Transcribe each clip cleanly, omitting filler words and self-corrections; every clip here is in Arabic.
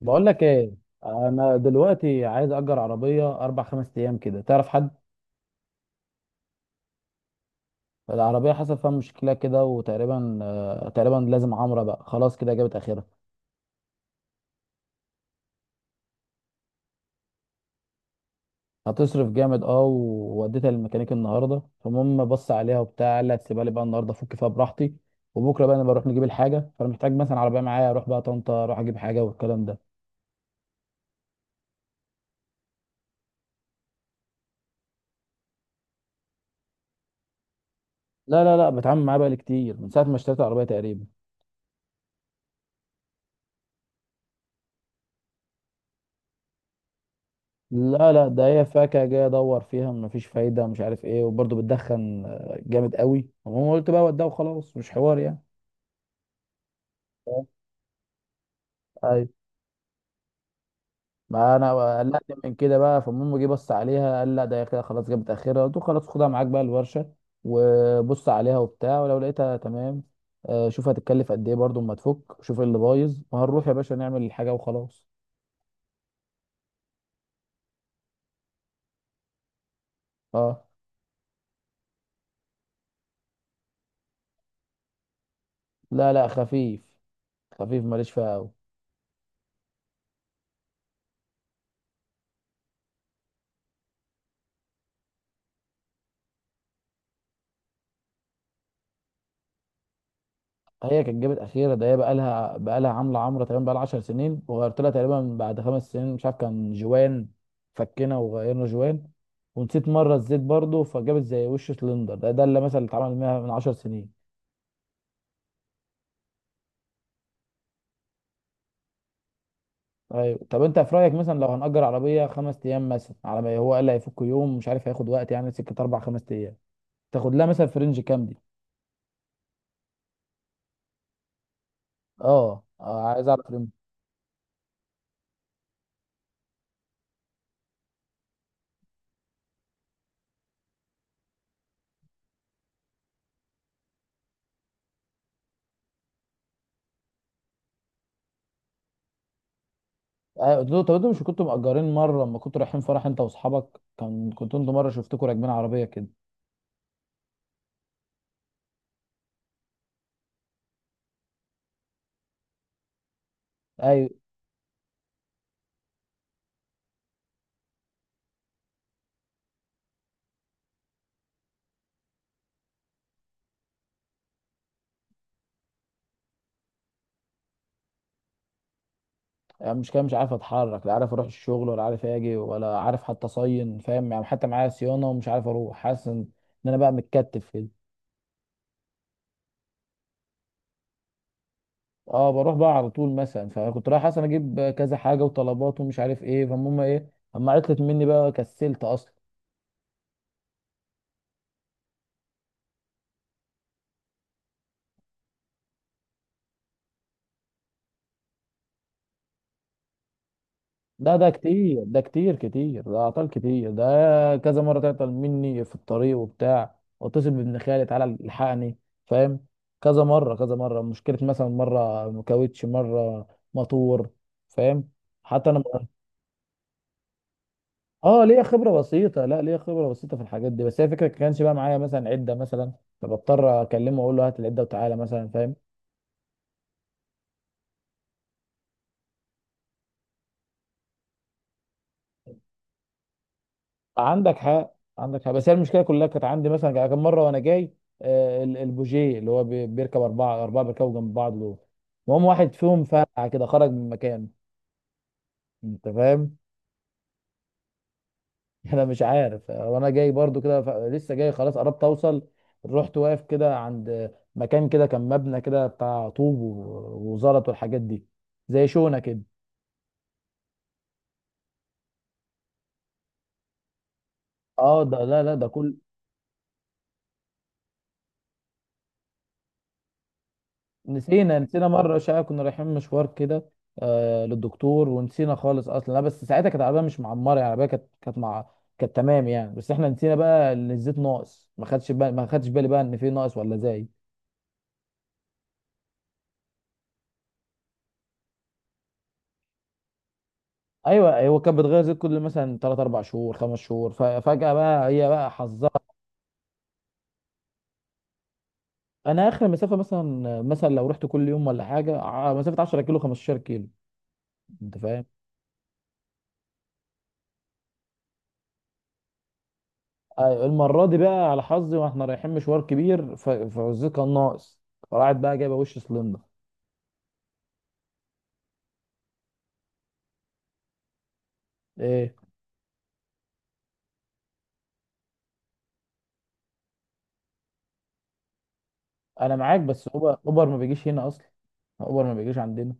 بقول لك ايه. انا دلوقتي عايز اجر عربيه اربع خمس ايام كده، تعرف حد؟ العربيه حصل فيها مشكله كده، وتقريبا تقريبا لازم عمره، بقى خلاص كده جابت اخرها. هتصرف جامد. اه ووديتها للميكانيك النهارده، فالمهم بص عليها وبتاع، قال لي هتسيبها لي بقى النهارده افك فيها براحتي. وبكره بقى انا بروح نجيب الحاجه، فانا محتاج مثلا عربيه معايا اروح بقى طنطا، اروح اجيب حاجه والكلام ده. لا لا لا، بتعامل معاه بقى كتير من ساعه ما اشتريت العربيه تقريبا. لا لا، ده هي فاكهة جاي ادور فيها مفيش فايدة، مش عارف ايه، وبرضه بتدخن جامد قوي، المهم قلت بقى وده وخلاص، مش حوار يعني. آه. ايوه. ما انا قلقت من كده بقى، فالمهم جه بص عليها قال لا، ده هي كده خلاص جابت اخرها، قلت له خلاص خدها معاك بقى الورشة وبص عليها وبتاع، ولو لقيتها تمام. شوف هتتكلف قد ايه برضه اما تفك، شوف إيه اللي بايظ وهنروح يا باشا نعمل الحاجة وخلاص. اه. لا لا، خفيف. خفيف، ماليش فيها قوي. هي كانت جابت اخيره، ده هي بقى لها عامله عمره، تقريبا بقى لها 10 سنين، وغيرت لها تقريبا بعد 5 سنين، مش عارف كان جوان. فكنا وغيرنا جوان. ونسيت مره الزيت برضو، فجابت زي وش سلندر ده اللي مثلا اللي اتعمل منها من 10 سنين. ايوه، طب انت في رايك مثلا لو هنأجر عربيه خمس ايام، مثلا على ما هو قال هيفك يوم، مش عارف هياخد وقت يعني، سكه اربع خمس ايام، تاخد لها مثلا في رينج كام دي؟ اه، عايز اعرف رينج. ايوه، قلت له طب انتوا مش كنتوا مأجرين مره لما كنتوا رايحين فرح انت واصحابك، كان كنتوا انتوا مره شفتكوا راكبين عربيه كده. ايوه. يعني مش كده، مش عارف اتحرك، لا عارف اروح الشغل، ولا عارف اجي، ولا عارف حتى اصين فاهم يعني، حتى معايا صيانه ومش عارف اروح، حاسس ان إن انا بقى متكتف كده. اه، بروح بقى على طول مثلا، فكنت رايح اصلا اجيب كذا حاجه وطلبات ومش عارف ايه، فالمهم ايه، اما عطلت مني بقى كسلت اصلا. ده كتير، ده كتير كتير، ده اعطال كتير ده. كذا مره تعطل مني في الطريق وبتاع، واتصل بابن خالي تعالى الحقني. فاهم. كذا مره، كذا مره مشكله، مثلا مره كاوتش، مره موتور. فاهم. حتى انا. اه ليا خبره بسيطه، لا، ليا خبره بسيطه في الحاجات دي، بس هي فكره كانش بقى معايا مثلا عده مثلا، فبضطر اكلمه واقول له هات العده وتعالى مثلا، فاهم. عندك حق، عندك حق، بس هي المشكله كلها كانت عندي مثلا كم مره وانا جاي. البوجيه اللي هو بيركب اربعه اربعه، بيركبوا جنب بعض دول، المهم واحد فيهم فرقع كده خرج من مكانه. انت فاهم. انا مش عارف، وانا جاي برضو كده لسه جاي خلاص قربت اوصل، رحت واقف كده عند مكان كده، كان مبنى كده بتاع طوب و- وزلط والحاجات دي، زي شونه كده. اه ده لا لا، ده كله. نسينا مرة شقة كنا رايحين مشوار كده، للدكتور، ونسينا خالص أصلا، لا بس ساعتها كانت العربية مش معمرة يعني، العربية كانت مع، كانت تمام يعني، بس احنا نسينا بقى إن الزيت ناقص، ما خدش بالي، ما خدش بالي بقى إن في ناقص ولا زايد. أيوه، هو كانت بتغير زيت كل مثلا 3 4 شهور، 5 شهور، ففجأة بقى هي بقى حظها. أنا آخر مسافة مثلا لو رحت كل يوم ولا حاجة، مسافة 10 كيلو، 15 كيلو، أنت فاهم. أيوة، المره دي بقى على حظي، واحنا رايحين مشوار كبير، فوزيه كان ناقص، راحت بقى جايبه وش سلندر. ايه. انا معاك، بس اوبر، اوبر ما بيجيش هنا اصلا. اوبر ما بيجيش عندنا.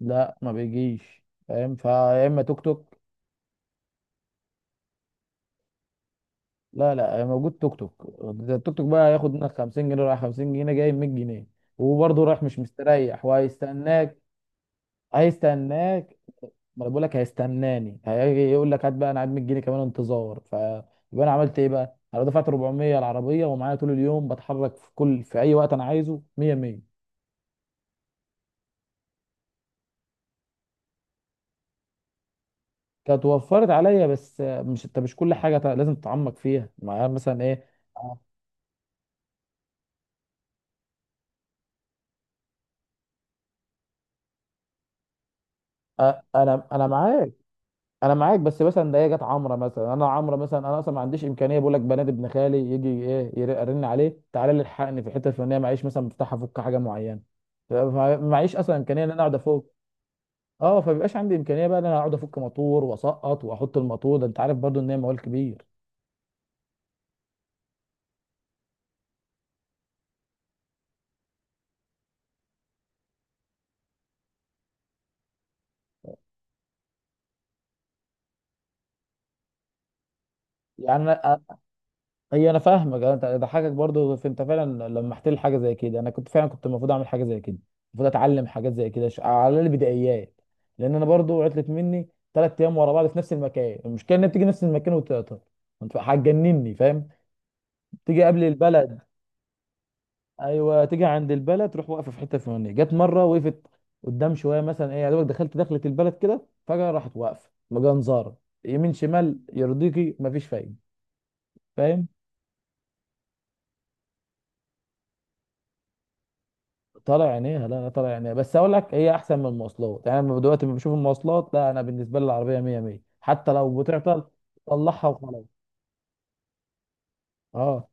لا، ما بيجيش فاهم فيا، اما توك توك. لا لا، موجود توك توك، ده التوك توك بقى ياخد منك 50 جنيه رايح، 50 جنيه جاي، 100 جنيه، وبرضه رايح مش مستريح، وهيستناك. هيستناك. ما انا بقول لك هيستناني، هيجي يقول لك هات بقى انا قاعد، مديني كمان انتظار، فيبقى انا عملت ايه بقى، انا دفعت 400 العربيه ومعايا طول اليوم، بتحرك في كل، في اي وقت انا عايزه، 100 100. كانت وفرت عليا، بس مش، انت مش كل حاجه لازم تتعمق فيها معايا مثلا ايه. انا معاك. انا معاك بس مثلا، ده هي جت عمره مثلا، انا عمره مثلا، انا اصلا ما عنديش امكانيه، بقول لك بنات ابن خالي يجي ايه، ارن عليه تعالى لي الحقني في الحته الفلانيه، معيش مثلا مفتاح افك حاجه معينه، فمعيش اصلا امكانيه ان انا اقعد افك. اه، فبيبقاش عندي امكانيه بقى ان انا اقعد افك موتور واسقط واحط الموتور، ده انت عارف برضو ان هي موال كبير. يعني هي انا فاهمك، انت ضحكك برضو في، انت فعلا لمحت لي حاجه زي كده، انا كنت فعلا، كنت المفروض اعمل حاجه زي كده، المفروض اتعلم حاجات زي كده، على البدايات، لان انا برضو عطلت مني 3 ايام ورا بعض في نفس المكان، المشكله انها بتيجي نفس المكان وتقطع، انت هتجنني فاهم، تيجي قبل البلد. ايوه، تيجي عند البلد، تروح واقفه في حته فلانيه، جت مره وقفت قدام شويه مثلا ايه، يا دوبك دخلت دخلة البلد كده، فجاه راحت واقفه مجنزاره يمين شمال، يرضيكي مفيش فايده، فاهم. طالع عينيها، لا لا، طالع عينيها، بس اقول لك هي احسن من المواصلات يعني، انا دلوقتي لما بشوف المواصلات، لا، انا بالنسبه لي العربيه 100 100 حتى لو بتعطل، طلعها وخلاص. اه.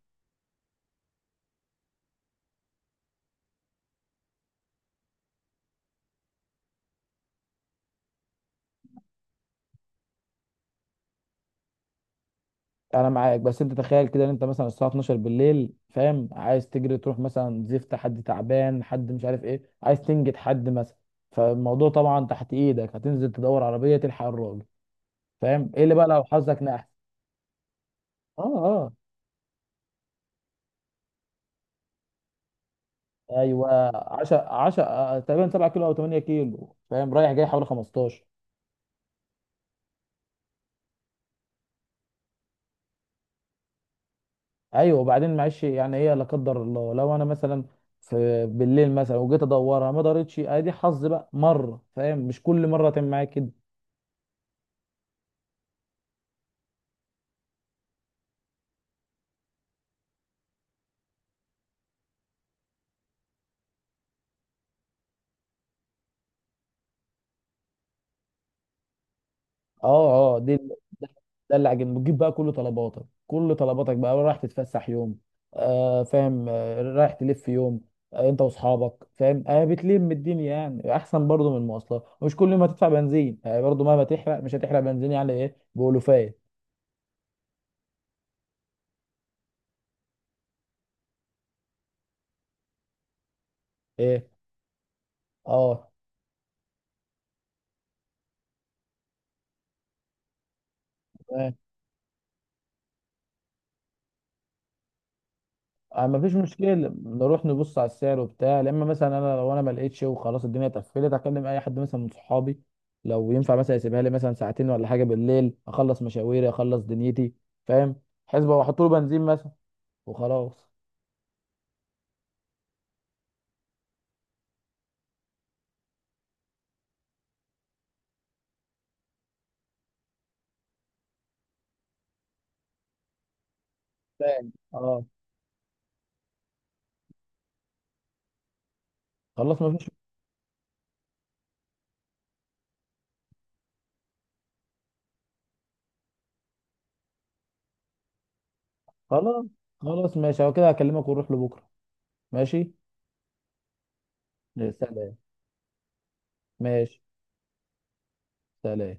انا معاك، بس انت تخيل كده ان انت مثلا الساعه 12 بالليل، فاهم، عايز تجري تروح مثلا زفت، حد تعبان، حد مش عارف ايه، عايز تنجد حد مثلا، فالموضوع طبعا تحت ايدك، هتنزل تدور عربيه تلحق الراجل، فاهم ايه اللي بقى لو حظك نحس. اه اه، ايوه، 10 10 تقريبا، 7 كيلو او 8 كيلو، فاهم، رايح جاي حوالي 15. ايوه، وبعدين معلش يعني ايه، لا قدر الله لو انا مثلا في بالليل مثلا، وجيت ادورها ما دارتش، ادي حظ بقى مره، فاهم، مش كل مره تم معاك. اه اه، دي ده، ده اللي عجبني، بتجيب بقى كل طلباتك، كل طلباتك بقى، رايح تتفسح يوم، فاهم، رايح تلف يوم، انت واصحابك، فاهم، بتلم الدنيا يعني، احسن برضو من المواصلات، ومش كل يوم هتدفع بنزين، برضو مهما تحرق مش هتحرق بنزين يعني ايه بألوفات. ايه. اه، آه، مفيش مشكله. نروح نبص على السعر وبتاع، لا اما مثلا لو انا ما لقيتش وخلاص الدنيا اتقفلت، اكلم اي حد مثلا من صحابي، لو ينفع مثلا يسيبها لي مثلا ساعتين ولا حاجه بالليل، اخلص مشاويري، اخلص دنيتي، فاهم، حسبه واحط له بنزين مثلا، وخلاص. فاهم. اه. خلاص، مفيش. خلاص خلاص ماشي، هو كده هكلمك ونروح لبكره. ماشي. ماشي. سلام. ماشي. سلام.